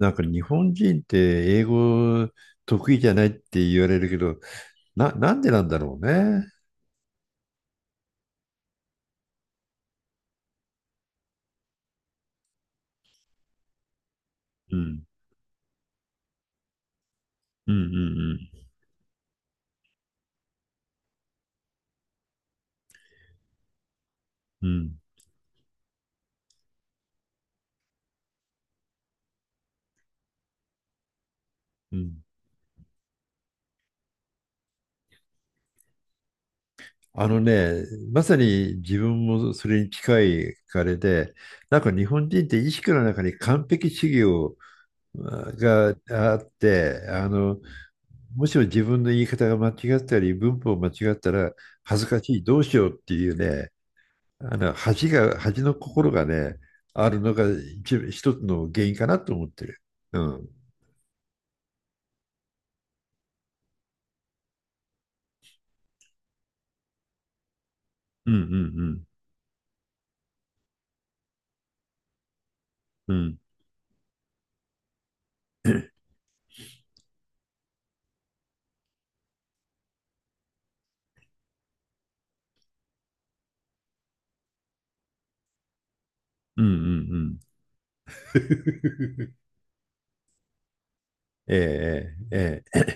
なんか日本人って英語得意じゃないって言われるけど、なんでなんだろうね。うん。うんうんうんうんうん。あのね、まさに自分もそれに近いあれで、なんか日本人って意識の中に完璧主義をあって、もしも自分の言い方が間違ったり、文法を間違ったら恥ずかしい、どうしようっていうね、あの恥の心がね、あるのが一つの原因かなと思ってる。うん。うんうんうんうんうんうんうん。 ええ、ええ。ええ。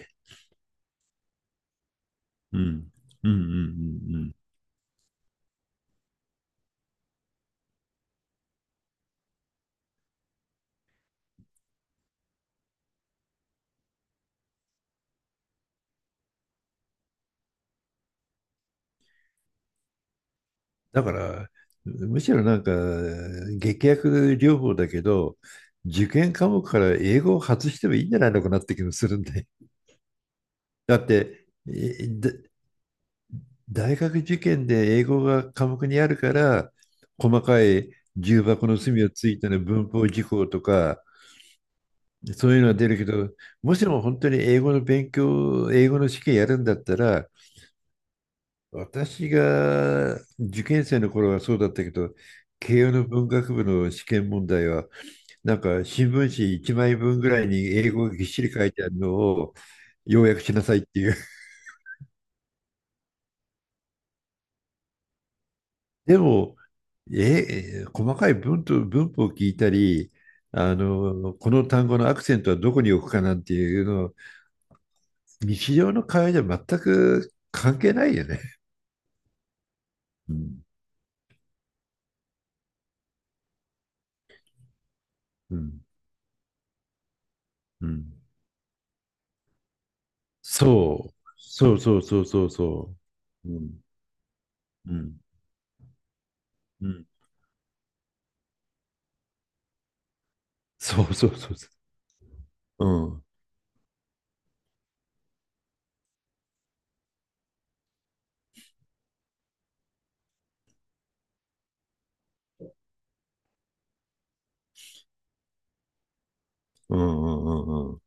うんうんうんうんうん。だから、むしろなんか、劇薬療法だけど、受験科目から英語を外してもいいんじゃないのかなって気もするんで。だって、えだ大学受験で英語が科目にあるから、細かい重箱の隅をついての文法事項とか、そういうのは出るけど、もしも本当に英語の試験やるんだったら、私が受験生の頃はそうだったけど、慶応の文学部の試験問題は、なんか新聞紙1枚分ぐらいに英語がぎっしり書いてあるのを要約しなさいっていう。でも、細かい文と文法を聞いたり、この単語のアクセントはどこに置くかなんていうのを、日常の会話じゃ全く関係ないよね。うん、うん、うん。そう、そうそうそうそうそう。うん、うん、うん。そうそうそうそう。うん、うん、うん、うん。うん。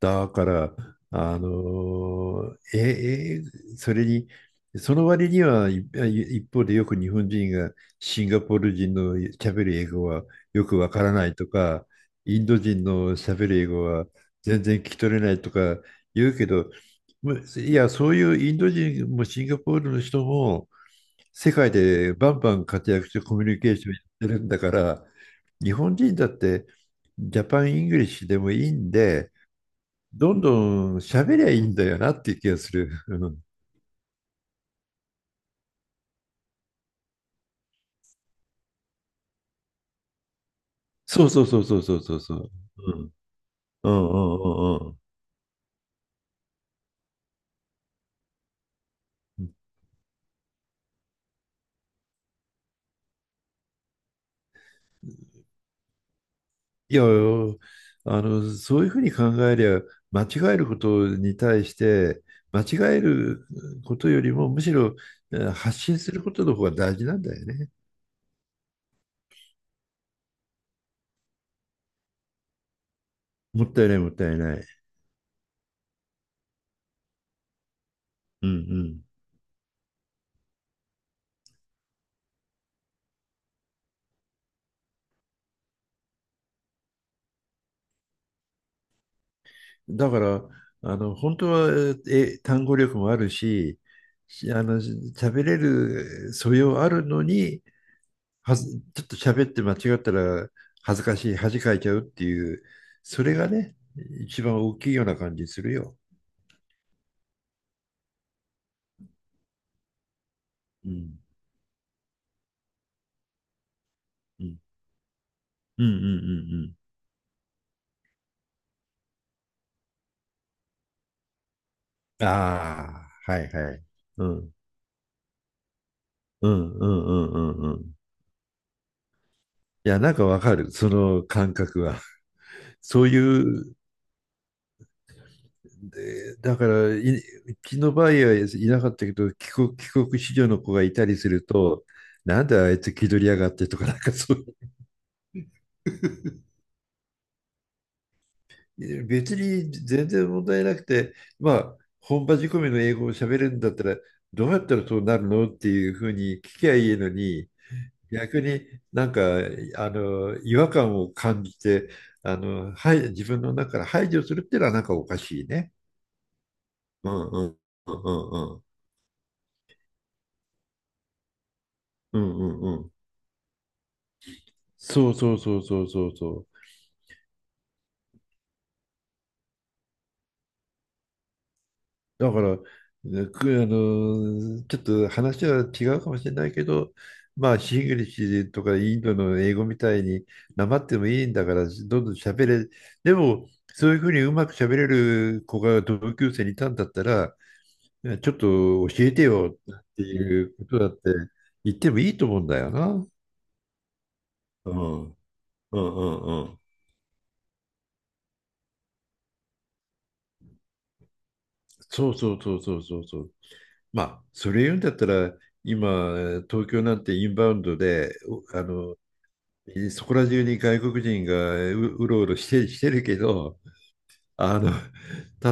だから、それに、その割には、いい一方でよく日本人がシンガポール人の喋る英語はよくわからないとか、インド人の喋る英語は全然聞き取れないとか言うけど、いや、そういうインド人もシンガポールの人も世界でバンバン活躍してコミュニケーションやってるんだから、日本人だってジャパン・イングリッシュでもいいんで、どんどん喋りゃいいんだよなっていう気がする。うん。そうそうそうそうそうそうそう。うん。うんうんうんうん。いや、そういうふうに考えりゃ、間違えることに対して、間違えることよりも、むしろ発信することの方が大事なんだよね。もったいない、もったいない。うんうん。だから、本当は、単語力もあるし、喋れる素養あるのに、はず、ちょっと喋って間違ったら恥ずかしい、恥かいちゃうっていう、それがね、一番大きいような感じするよ。うん。うん。うんうんうんうん。ああ、はいはい。うん。うんうんうんうんうん。いや、なんかわかる、その感覚は。そういう、でだから、うちの場合はいなかったけど、帰国子女の子がいたりすると、なんであいつ気取りやがってとか、なんかそう、別に全然問題なくて、まあ、本場仕込みの英語を喋れるんだったら、どうやったらそうなるのっていうふうに聞きゃいいのに、逆になんか、違和感を感じて、はい自分の中から排除するっていうのはなんかおかしいね。うんうんうんうんうんうんうんうん。そうそうそうそうそうそう。だから、ねくあの、ちょっと話は違うかもしれないけど、まあ、シングリッシュとかインドの英語みたいに、なまってもいいんだから、どんどん喋れ。でも、そういうふうにうまく喋れる子が同級生にいたんだったら、ちょっと教えてよっていうことだって言ってもいいと思うんだよな。うん。うんうんうん。そうそうそうそうそうそう。まあ、それ言うんだったら、今、東京なんてインバウンドで、おあの、そこら中に外国人がうろうろしてるけど、あの、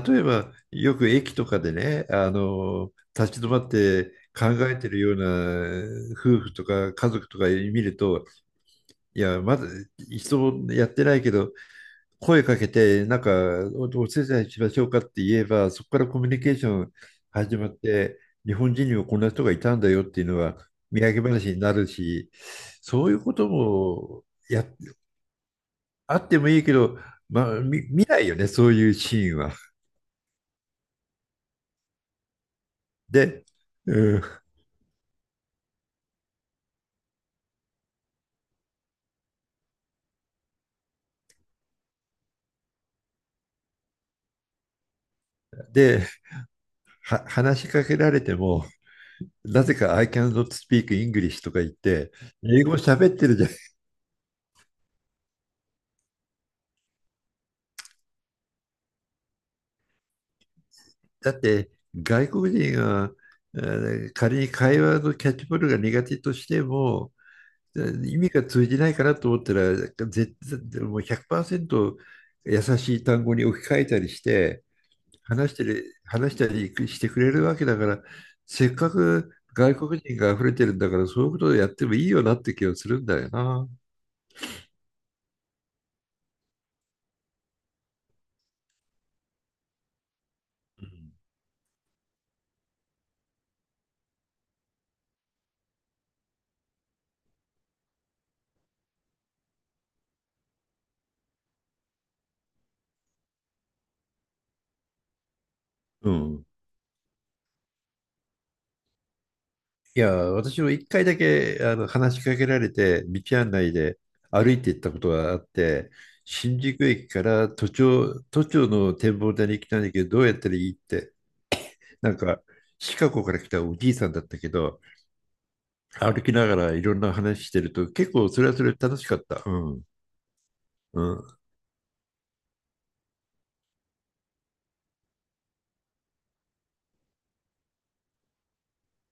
例えばよく駅とかでね、立ち止まって考えてるような夫婦とか家族とか見ると、いや、まだ一度もやってないけど、声かけて、なんか、お手伝いしましょうかって言えば、そこからコミュニケーション始まって、日本人にもこんな人がいたんだよっていうのは、土産話になるし、そういうことも、あってもいいけど、まあ、見ないよね、そういうシーンは。で、うん、で、話しかけられても、なぜか I cannot speak English とか言って、英語喋ってるじゃん。だって、外国人が、え仮に会話のキャッチボールが苦手としても、意味が通じないかなと思ったら、絶対もう100%優しい単語に置き換えたりして、話したりしてくれるわけだから、せっかく外国人が溢れてるんだから、そういうことをやってもいいよなって気がするんだよな。うん。うん。いや、私も一回だけ話しかけられて、道案内で歩いて行ったことがあって、新宿駅から都庁の展望台に来たんだけど、どうやったらいいって、なんか、シカゴから来たおじいさんだったけど、歩きながらいろんな話してると、結構それはそれで楽しかった。うん。うん。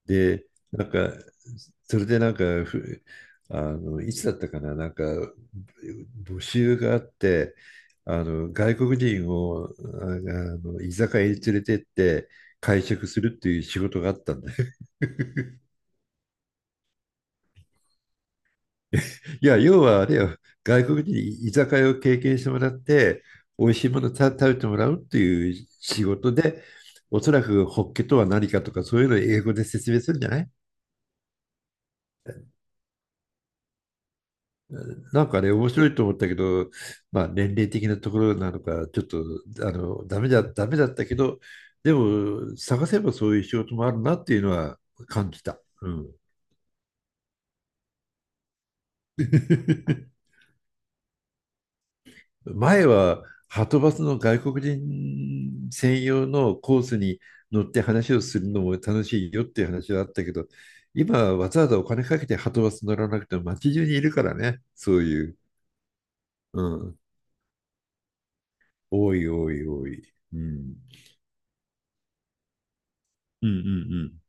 で、なんか、ふあの、いつだったかな、なんか、募集があって、外国人を、あ居酒屋に連れてって会食するっていう仕事があったんだよ。いや、要はあれよ、外国人に居酒屋を経験してもらって、美味しいもの食べてもらうっていう仕事で、おそらくホッケとは何かとか、そういうのを英語で説明するんじゃない。なんかね、面白いと思ったけど、まあ年齢的なところなのか、ちょっと、ダメだったけど、でも、探せばそういう仕事もあるなっていうのは感じた。うん。前は、はとバスの外国人専用のコースに乗って話をするのも楽しいよっていう話はあったけど、今、わざわざお金かけてはとバス乗らなくても街中にいるからね、そういう。うん。多い、多い、多い。うん。うん、うん、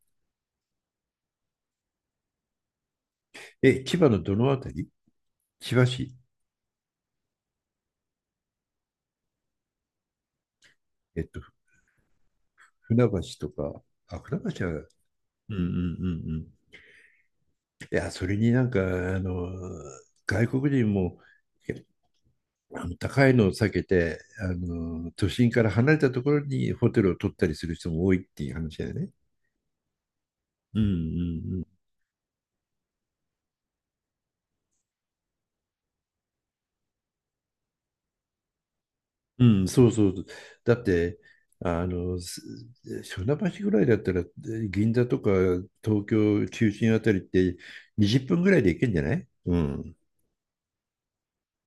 え、千葉のどのあたり？千葉市？えっと、船橋とか。あ、船橋は、うんうんうんうん。いや、それになんか、外国人も、えあの高いのを避けて、都心から離れたところにホテルを取ったりする人も多いっていう話だよね。うんうんうん、うんそうそう。だって、あの、す船橋ぐらいだったら、銀座とか東京中心あたりって20分ぐらいで行けんじゃない？うん。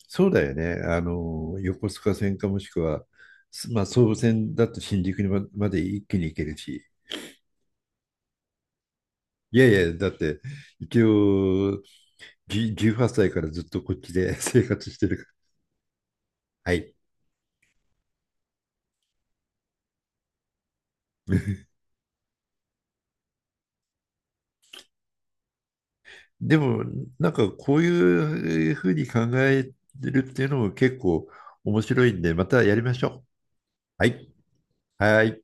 そうだよね。横須賀線かもしくは、まあ、総武線だと新宿にまで一気に行けるし。いやいや、だって、一応、18歳からずっとこっちで 生活してるから。はい。でも、なんかこういうふうに考えてるっていうのも結構面白いんで、またやりましょう。はい。はい。